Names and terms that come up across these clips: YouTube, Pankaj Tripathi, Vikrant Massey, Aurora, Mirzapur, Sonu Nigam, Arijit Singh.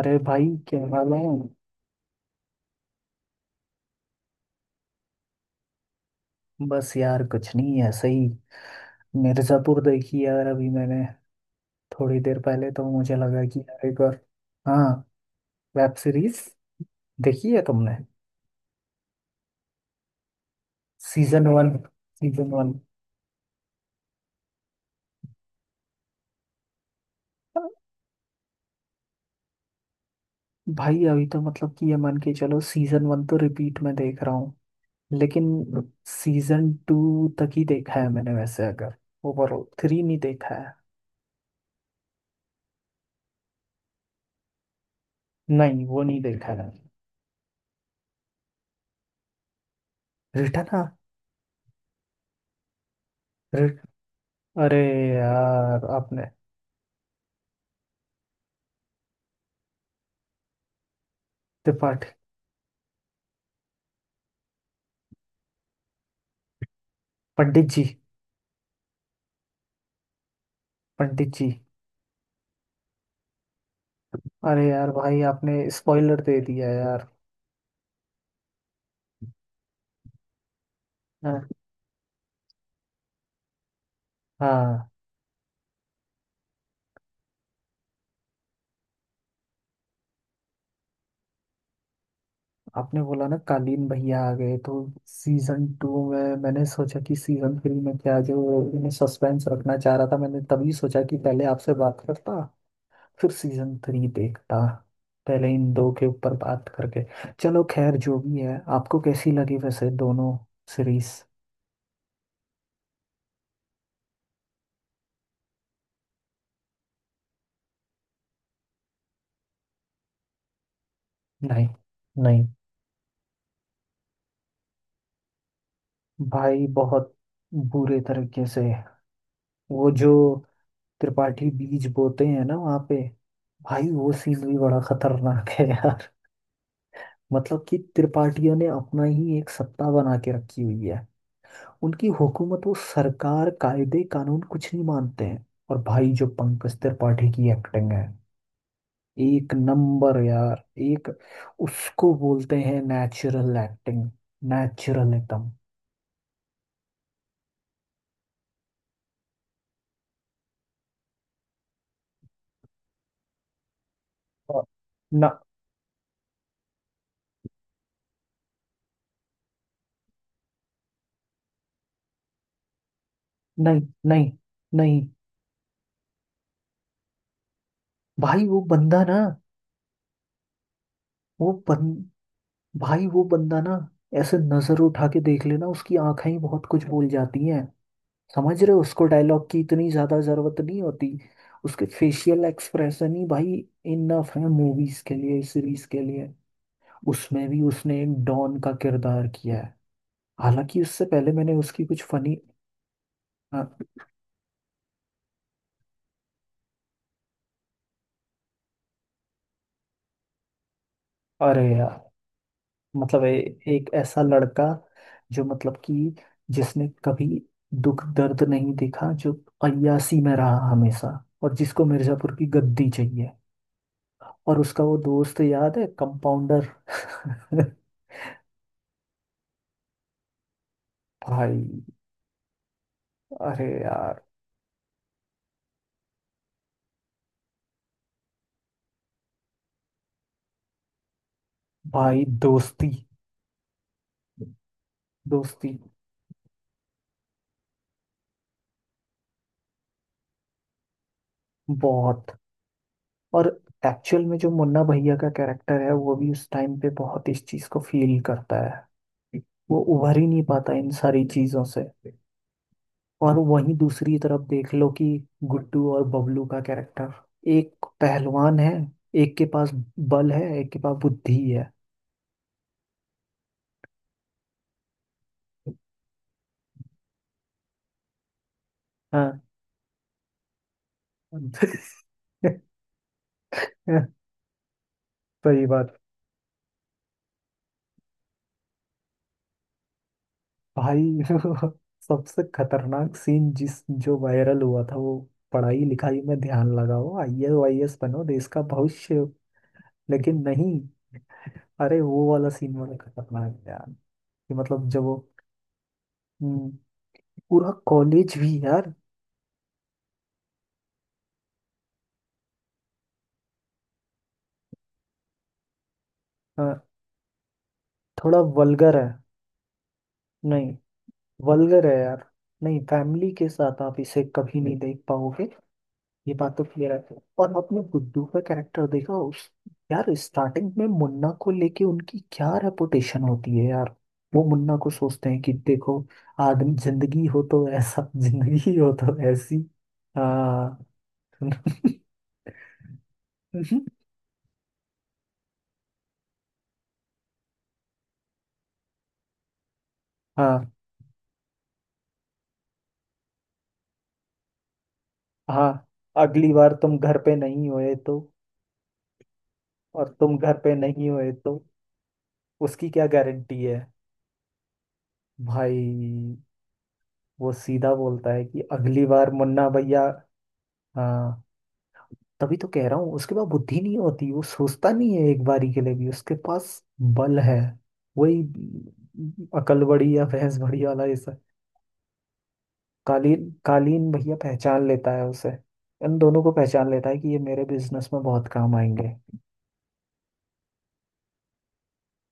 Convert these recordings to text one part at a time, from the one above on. अरे भाई क्या हाल है। बस यार कुछ नहीं, ऐसे ही। मिर्ज़ापुर देखी यार अभी मैंने थोड़ी देर पहले, तो मुझे लगा कि यार एक बार। हाँ, वेब सीरीज देखी है तुमने। Season one. Season one. भाई अभी तो मतलब कि ये मान के चलो सीजन वन तो रिपीट में देख रहा हूँ। लेकिन सीजन टू तक ही देखा है मैंने, वैसे अगर ओवरऑल थ्री नहीं देखा है। नहीं, वो नहीं देखा है। रिटर्न हाँ। रिट- अरे यार आपने त्रिपाठी, पंडित जी। पंडित जी। अरे यार भाई आपने स्पॉइलर दे दिया यार। हाँ। हाँ, आपने बोला ना कालीन भैया आ गए, तो सीजन टू में मैंने सोचा कि सीजन थ्री में क्या जो सस्पेंस रखना चाह रहा था, मैंने तभी सोचा कि पहले आपसे बात करता, फिर सीजन थ्री देखता। पहले इन दो के ऊपर बात करके। चलो खैर, जो भी है, आपको कैसी लगी वैसे दोनों सीरीज। नहीं। नहीं भाई, बहुत बुरे तरीके से। वो जो त्रिपाठी बीज बोते हैं ना वहां पे, भाई वो सीन भी बड़ा खतरनाक है यार। मतलब कि त्रिपाठियों ने अपना ही एक सत्ता बना के रखी हुई है। उनकी हुकूमत, वो सरकार, कायदे कानून कुछ नहीं मानते हैं। और भाई जो पंकज त्रिपाठी की एक्टिंग है, एक नंबर यार, एक। उसको बोलते हैं नेचुरल एक्टिंग। नेचुरल एकदम। और- ना। नहीं। नहीं। नहीं भाई, वो बंदा ना, वो बन भाई वो बंदा ना, ऐसे नजर उठा के देख लेना, उसकी आंखें ही बहुत कुछ बोल जाती हैं। समझ रहे हो, उसको डायलॉग की इतनी ज्यादा जरूरत नहीं होती। उसके फेशियल एक्सप्रेशन ही भाई इनफ है, मूवीज के लिए, सीरीज के लिए। उसमें भी उसने एक डॉन का किरदार किया है। हालांकि उससे पहले मैंने उसकी कुछ फनी। अरे यार मतलब एक ऐसा लड़का, जो मतलब कि जिसने कभी दुख दर्द नहीं देखा, जो अय्यासी में रहा हमेशा, और जिसको मिर्जापुर की गद्दी चाहिए। और उसका वो दोस्त याद है, कंपाउंडर। भाई, अरे यार भाई, दोस्ती। दोस्ती। बहुत। और एक्चुअल में जो मुन्ना भैया का कैरेक्टर है, वो भी उस टाइम पे बहुत इस चीज को फील करता है। वो उभर ही नहीं पाता इन सारी चीजों से। और वहीं दूसरी तरफ देख लो कि गुड्डू और बबलू का कैरेक्टर। एक पहलवान है। एक के पास बल है, एक के पास बुद्धि है। हाँ। सही बात। भाई सबसे खतरनाक सीन जिस जो वायरल हुआ था वो, पढ़ाई लिखाई में ध्यान लगाओ, आईएएस वाईएएस बनो, देश का भविष्य। लेकिन नहीं। अरे वो वाला सीन बड़ा खतरनाक है यार। कि मतलब जब वो। हम्म, पूरा कॉलेज भी यार। हाँ, थोड़ा वल्गर है। नहीं, वल्गर है यार। नहीं, फैमिली के साथ आप इसे कभी नहीं देख पाओगे, ये बात तो क्लियर है। और आपने गुड्डू का कैरेक्टर देखा, उस यार स्टार्टिंग में मुन्ना को लेके उनकी क्या रेपुटेशन होती है यार। वो मुन्ना को सोचते हैं कि देखो, आदमी, जिंदगी हो तो ऐसा। जिंदगी हो तो ऐसी। हाँ। हाँ हाँ। अगली बार तुम घर पे नहीं होए तो, और तुम घर पे नहीं होए तो उसकी क्या गारंटी है। भाई वो सीधा बोलता है कि अगली बार मुन्ना भैया। हाँ, तभी तो कह रहा हूँ उसके पास बुद्धि नहीं होती, वो सोचता नहीं है एक बारी के लिए भी, उसके पास बल है। वही अकल बड़ी या भैंस बड़ी वाला, ऐसा। कालीन कालीन भैया पहचान लेता है उसे, इन दोनों को पहचान लेता है कि ये मेरे बिजनेस में बहुत काम आएंगे,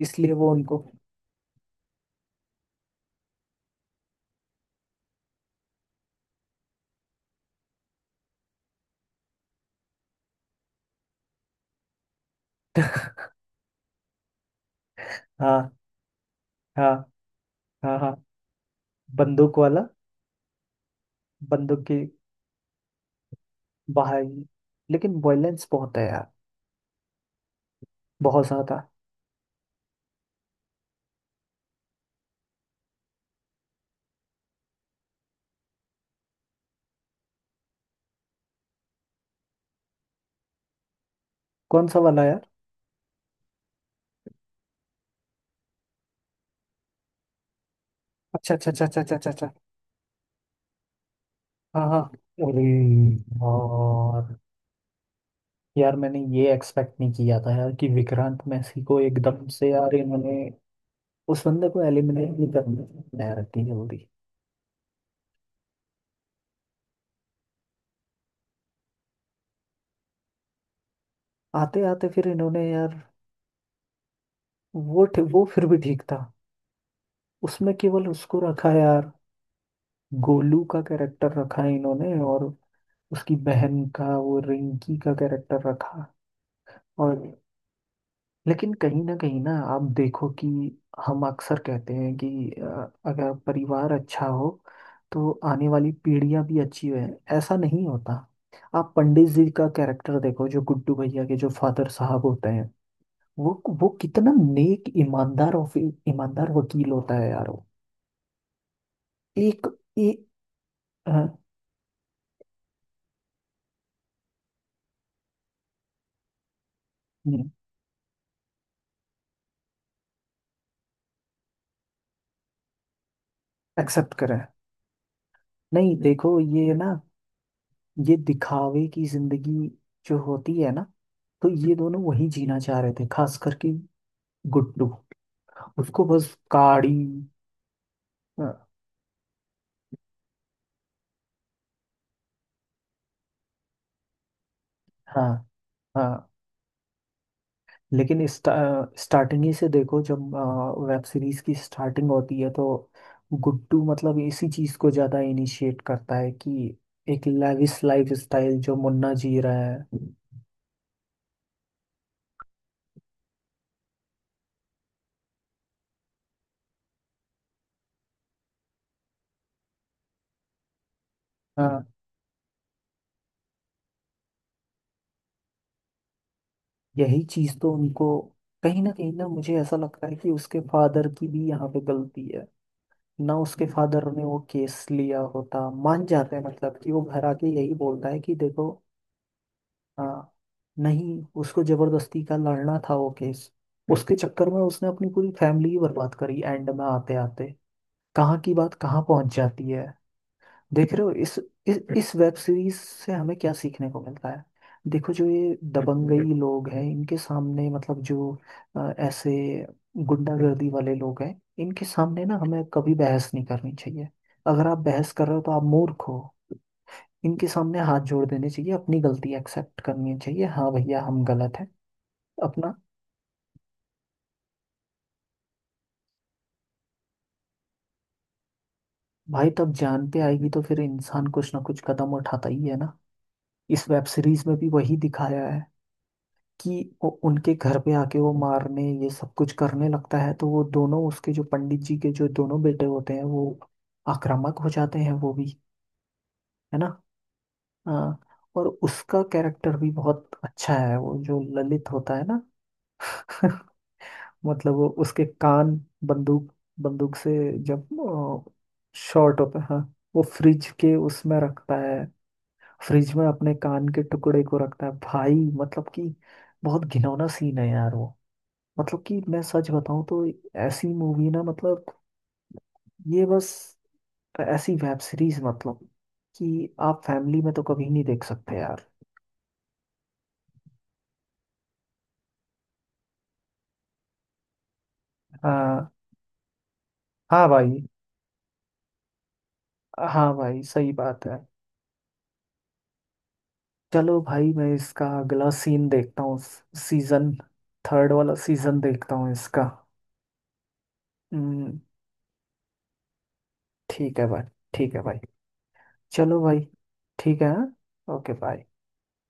इसलिए वो उनको। हाँ हाँ हाँ हाँ। बंदूक वाला। बंदूक की बाहर। लेकिन वायलेंस बहुत है यार, बहुत ज्यादा। कौन सा वाला यार। अच्छा अच्छा अच्छा अच्छा अच्छा अच्छा अच्छा। हाँ हाँ। अरे यार, यार मैंने ये एक्सपेक्ट नहीं किया था यार कि विक्रांत मैसी को एकदम से यार इन्होंने उस बंदे को एलिमिनेट नहीं करना, बनाया रखती, जल्दी आते आते फिर इन्होंने यार। वो फिर भी ठीक था। उसमें केवल उसको रखा यार। गोलू का कैरेक्टर रखा है इन्होंने, और उसकी बहन का वो रिंकी का कैरेक्टर रखा। और लेकिन कहीं ना आप देखो कि हम अक्सर कहते हैं कि अगर परिवार अच्छा हो तो आने वाली पीढ़ियां भी अच्छी हैं। ऐसा नहीं होता। आप पंडित जी का कैरेक्टर देखो, जो गुड्डू भैया के जो फादर साहब होते हैं, वो वो कितना नेक, ईमानदार, और फिर ईमानदार वकील होता है यार वो। एक, एक। एक्सेप्ट करें। नहीं देखो ये ना, ये दिखावे की जिंदगी जो होती है ना, तो ये दोनों वही जीना चाह रहे थे, खास करके गुड्डू। उसको बस काड़ी। हाँ। हाँ। हाँ। लेकिन स्टा, स्टार्टिंग ही से देखो, जब वेब सीरीज की स्टार्टिंग होती है तो गुड्डू मतलब इसी चीज को ज्यादा इनिशिएट करता है कि एक लेविश लाइफ स्टाइल जो मुन्ना जी रहा है। हाँ, यही चीज तो उनको, कहीं ना मुझे ऐसा लगता है कि उसके फादर की भी यहाँ पे गलती है ना। उसके फादर ने वो केस लिया होता, मान जाते हैं, मतलब कि वो घर आके यही बोलता है कि देखो। हाँ नहीं, उसको जबरदस्ती का लड़ना था वो केस। उसके चक्कर में उसने अपनी पूरी फैमिली ही बर्बाद करी, एंड में आते आते कहाँ की बात कहाँ पहुंच जाती है। देख रहे हो इस वेब सीरीज से हमें क्या सीखने को मिलता है। देखो जो ये दबंगई लोग हैं, इनके सामने मतलब जो ऐसे गुंडागर्दी वाले लोग हैं, इनके सामने ना हमें कभी बहस नहीं करनी चाहिए। अगर आप बहस कर रहे हो तो आप मूर्ख हो। इनके सामने हाथ जोड़ देने चाहिए, अपनी गलती एक्सेप्ट करनी चाहिए, हाँ भैया हम गलत है। अपना। भाई तब जान पे आएगी तो फिर इंसान कुछ ना कुछ कदम उठाता ही है ना। इस वेब सीरीज में भी वही दिखाया है, कि वो उनके घर पे आके वो मारने ये सब कुछ करने लगता है, तो वो दोनों उसके जो पंडित जी के जो दोनों बेटे होते हैं वो आक्रामक हो जाते हैं वो भी, है ना। हाँ। और उसका कैरेक्टर भी बहुत अच्छा है वो जो ललित होता है ना। मतलब वो उसके कान, बंदूक, बंदूक से जब शॉर्ट होता है, हाँ, वो फ्रिज के उसमें रखता है, फ्रिज में अपने कान के टुकड़े को रखता है भाई। मतलब कि बहुत घिनौना सीन है यार वो। मतलब कि मैं सच बताऊं तो ऐसी मूवी ना, मतलब ये बस ऐसी वेब सीरीज मतलब कि आप फैमिली में तो कभी नहीं देख सकते यार। हाँ। हाँ भाई, हाँ भाई सही बात है। चलो भाई मैं इसका अगला सीन देखता हूँ। सीजन थर्ड वाला सीजन देखता हूँ इसका। हम्म, ठीक है भाई। ठीक है भाई। चलो भाई। ठीक है। हाँ? Okay bye.